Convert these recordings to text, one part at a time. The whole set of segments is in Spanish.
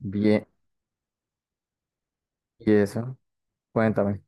Bien, ¿y eso? Cuéntame.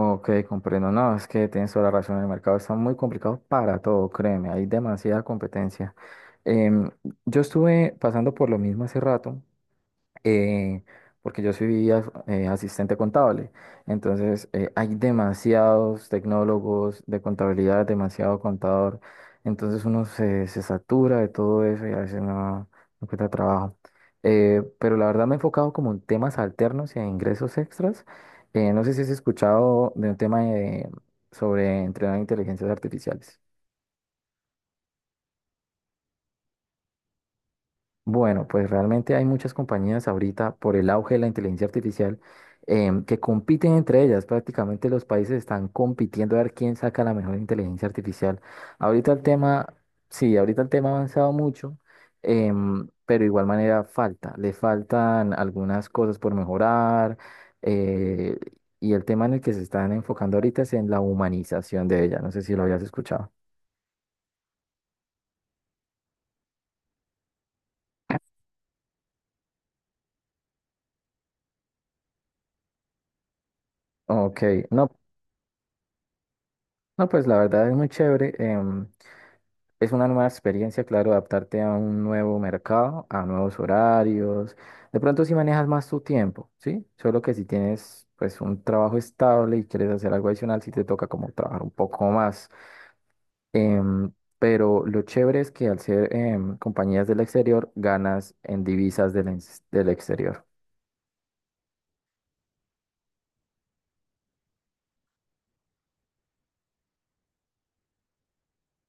Ok, comprendo. No, es que tienes toda la razón. El mercado está muy complicado para todo, créeme. Hay demasiada competencia. Em, yo estuve pasando por lo mismo hace rato eh, porque yo soy asistente contable. Entonces, hay demasiados tecnólogos de contabilidad, demasiado contador. Entonces, uno se satura de todo eso y a veces no encuentra trabajo. Pero la verdad me he enfocado como en temas alternos y en ingresos extras. No sé si has escuchado de un tema de- sobre entrenar inteligencias artificiales. Bueno, pues realmente hay muchas compañías ahorita por el auge de la inteligencia artificial que compiten entre ellas. Prácticamente los países están compitiendo a ver quién saca la mejor inteligencia artificial. Ahorita el tema, sí, ahorita el tema ha avanzado mucho, pero de igual manera falta. Le faltan algunas cosas por mejorar eh, y el tema en el que se están enfocando ahorita es en la humanización de ella. No sé si lo habías escuchado. Ok, no, no, pues la verdad es muy chévere. Es una nueva experiencia, claro, adaptarte a un nuevo mercado, a nuevos horarios. De pronto si manejas más tu tiempo, ¿sí? Solo que si tienes pues un trabajo estable y quieres hacer algo adicional, sí te toca como trabajar un poco más. Em, pero lo chévere es que al ser compañías del exterior, ganas en divisas del exterior.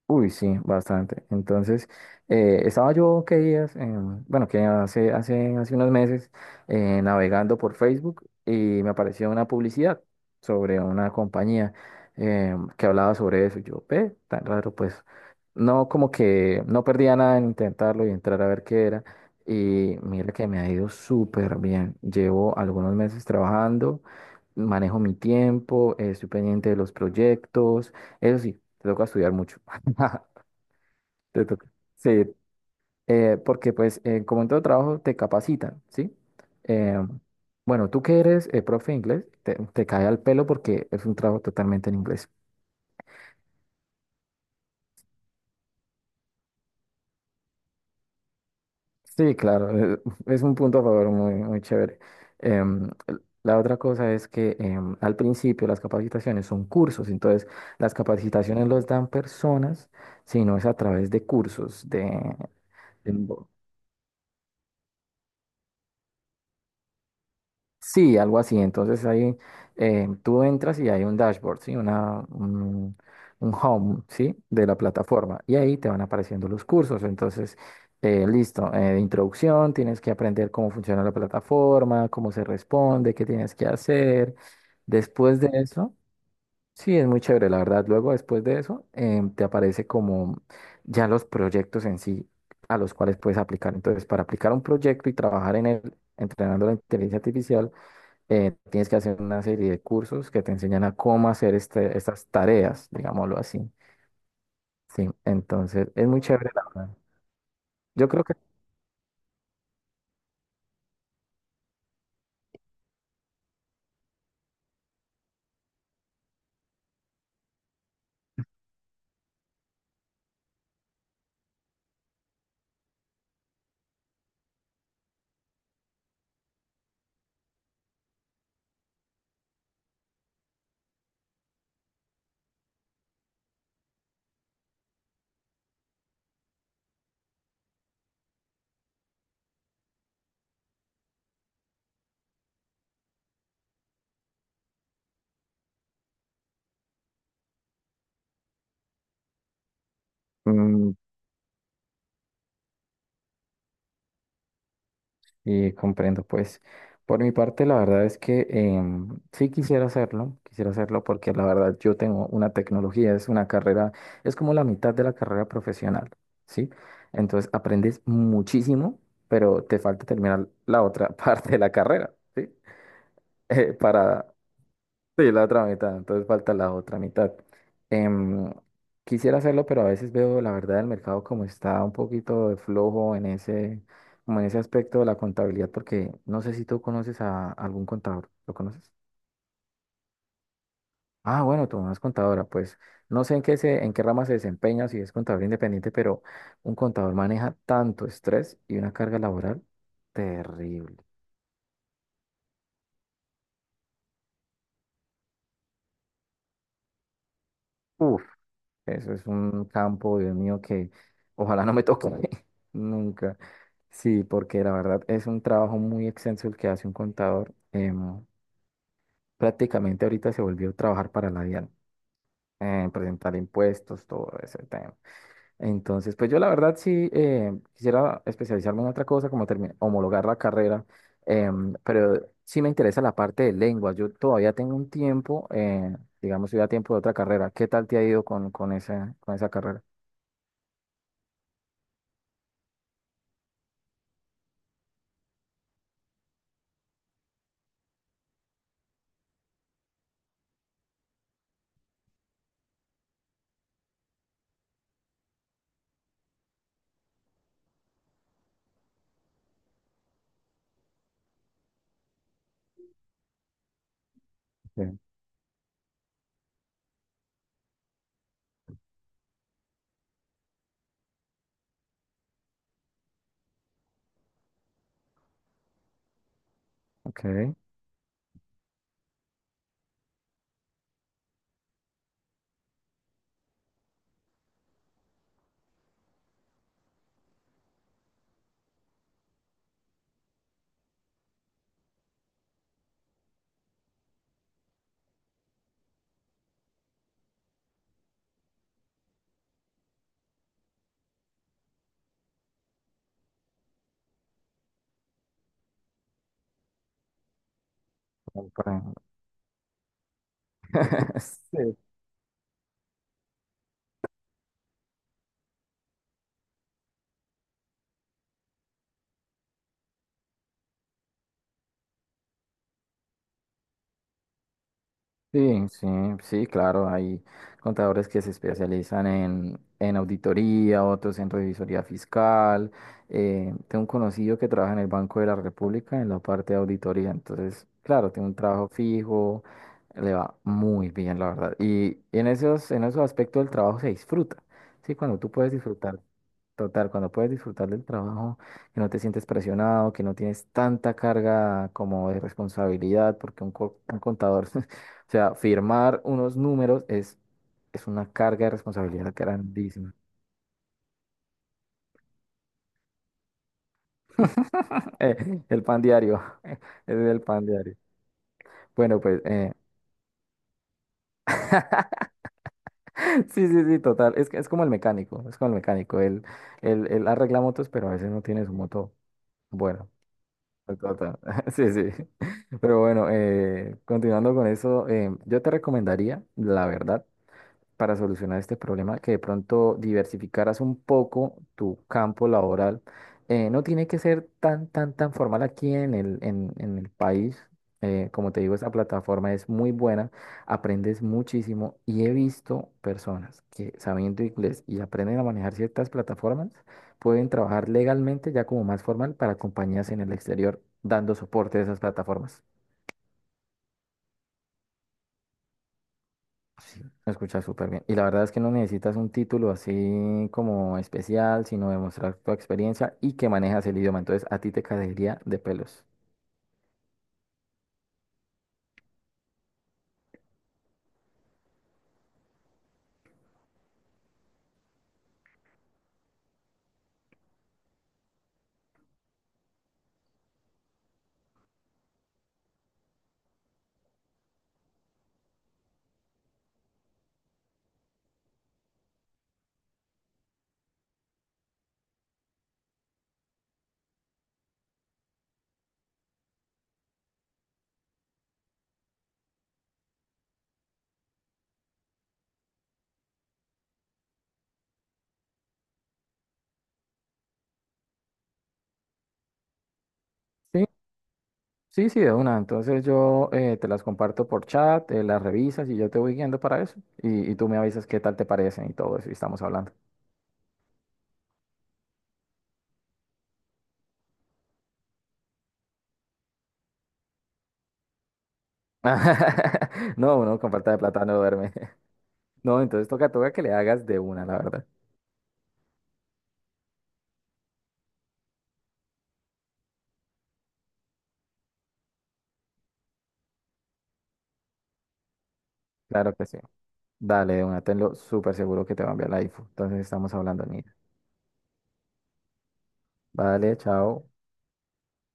Uy, sí, bastante. Entonces, estaba yo que días, bueno, que hace unos meses, navegando por Facebook y me apareció una publicidad sobre una compañía que hablaba sobre eso. Y yo, ve, tan raro, pues, no como que no perdía nada en intentarlo y entrar a ver qué era. Y mira que me ha ido súper bien. Llevo algunos meses trabajando, manejo mi tiempo, estoy pendiente de los proyectos. Eso sí, te toca estudiar mucho. Ajá. Te toca. Sí, porque pues como en todo trabajo te capacitan, ¿sí? Eh, bueno, tú que eres profe de inglés, te cae al pelo porque es un trabajo totalmente en inglés. Sí, claro, es un punto a favor muy, muy chévere. Em, la otra cosa es que al principio las capacitaciones son cursos, entonces las capacitaciones los dan personas, sino es a través de cursos, de- Sí, algo así. Entonces ahí tú entras y hay un dashboard, ¿sí? Un home, ¿sí? De la plataforma. Y ahí te van apareciendo los cursos. Entonces, listo, de introducción, tienes que aprender cómo funciona la plataforma, cómo se responde, qué tienes que hacer. Después de eso, sí, es muy chévere, la verdad. Luego, después de eso, te aparece como ya los proyectos en sí a los cuales puedes aplicar. Entonces, para aplicar un proyecto y trabajar en él, entrenando la inteligencia artificial, tienes que hacer una serie de cursos que te enseñan a cómo hacer estas tareas, digámoslo así. Sí, entonces es muy chévere, la verdad. Yo creo que, mm, y comprendo, pues, por mi parte, la verdad es que sí quisiera hacerlo porque la verdad yo tengo una tecnología, es una carrera, es como la mitad de la carrera profesional, ¿sí? Entonces aprendes muchísimo, pero te falta terminar la otra parte de la carrera, ¿sí? Para Sí, la otra mitad, entonces falta la otra mitad. Em, Quisiera hacerlo, pero a veces veo la verdad del mercado como está un poquito de flojo en ese, como en ese aspecto de la contabilidad, porque no sé si tú conoces a algún contador. ¿Lo conoces? Ah, bueno, tu mamá es contadora, pues no sé en qué en qué rama se desempeña, si es contador independiente, pero un contador maneja tanto estrés y una carga laboral terrible. ¡Uf! Eso es un campo, Dios mío, que ojalá no me toque nunca. Sí, porque la verdad es un trabajo muy extenso el que hace un contador. Prácticamente ahorita se volvió a trabajar para la DIAN, presentar impuestos, todo ese tema. Entonces, pues yo la verdad sí quisiera especializarme en otra cosa, como termi- homologar la carrera, pero sí me interesa la parte de lengua. Yo todavía tengo un tiempo, digamos, yo ya tiempo de otra carrera. ¿Qué tal te ha ido con esa carrera? Ok. Como para- Sí. Sí, sí, sí, claro, hay contadores que se especializan en auditoría, otros en revisoría fiscal. Tengo un conocido que trabaja en el Banco de la República en la parte de auditoría, entonces, claro, tiene un trabajo fijo, le va muy bien, la verdad. Y en esos aspectos del trabajo se disfruta, ¿sí? Cuando tú puedes disfrutar, total, cuando puedes disfrutar del trabajo, que no te sientes presionado, que no tienes tanta carga como de responsabilidad, porque un contador... O sea, firmar unos números es una carga de responsabilidad grandísima. Eh, el pan diario, ese es el pan diario. Bueno, pues sí, sí, sí, total. Es, que es como el mecánico, es como el mecánico. Él arregla motos, pero a veces no tiene su moto. Bueno, total. Sí, sí. Pero bueno, continuando con eso, yo te recomendaría, la verdad, para solucionar este problema, que de pronto diversificaras un poco tu campo laboral. No tiene que ser tan, tan, tan formal aquí en el país. Como te digo, esta plataforma es muy buena, aprendes muchísimo y he visto personas que sabiendo inglés y aprenden a manejar ciertas plataformas, pueden trabajar legalmente ya como más formal para compañías en el exterior dando soporte a esas plataformas. Se escucha súper bien. Y la verdad es que no necesitas un título así como especial, sino demostrar tu experiencia y que manejas el idioma. Entonces, a ti te caería de pelos. Sí, sí, sí, de una. Entonces, yo te las comparto por chat, las revisas y yo te voy guiando para eso. Y tú me avisas qué tal te parecen y todo eso. Y estamos hablando. No, uno con falta de plata no duerme. No, entonces toca que le hagas de una, la verdad. Claro que sí. Dale, de una. Tenlo súper seguro que te va a enviar la info. Entonces, estamos hablando, niña. Vale, chao.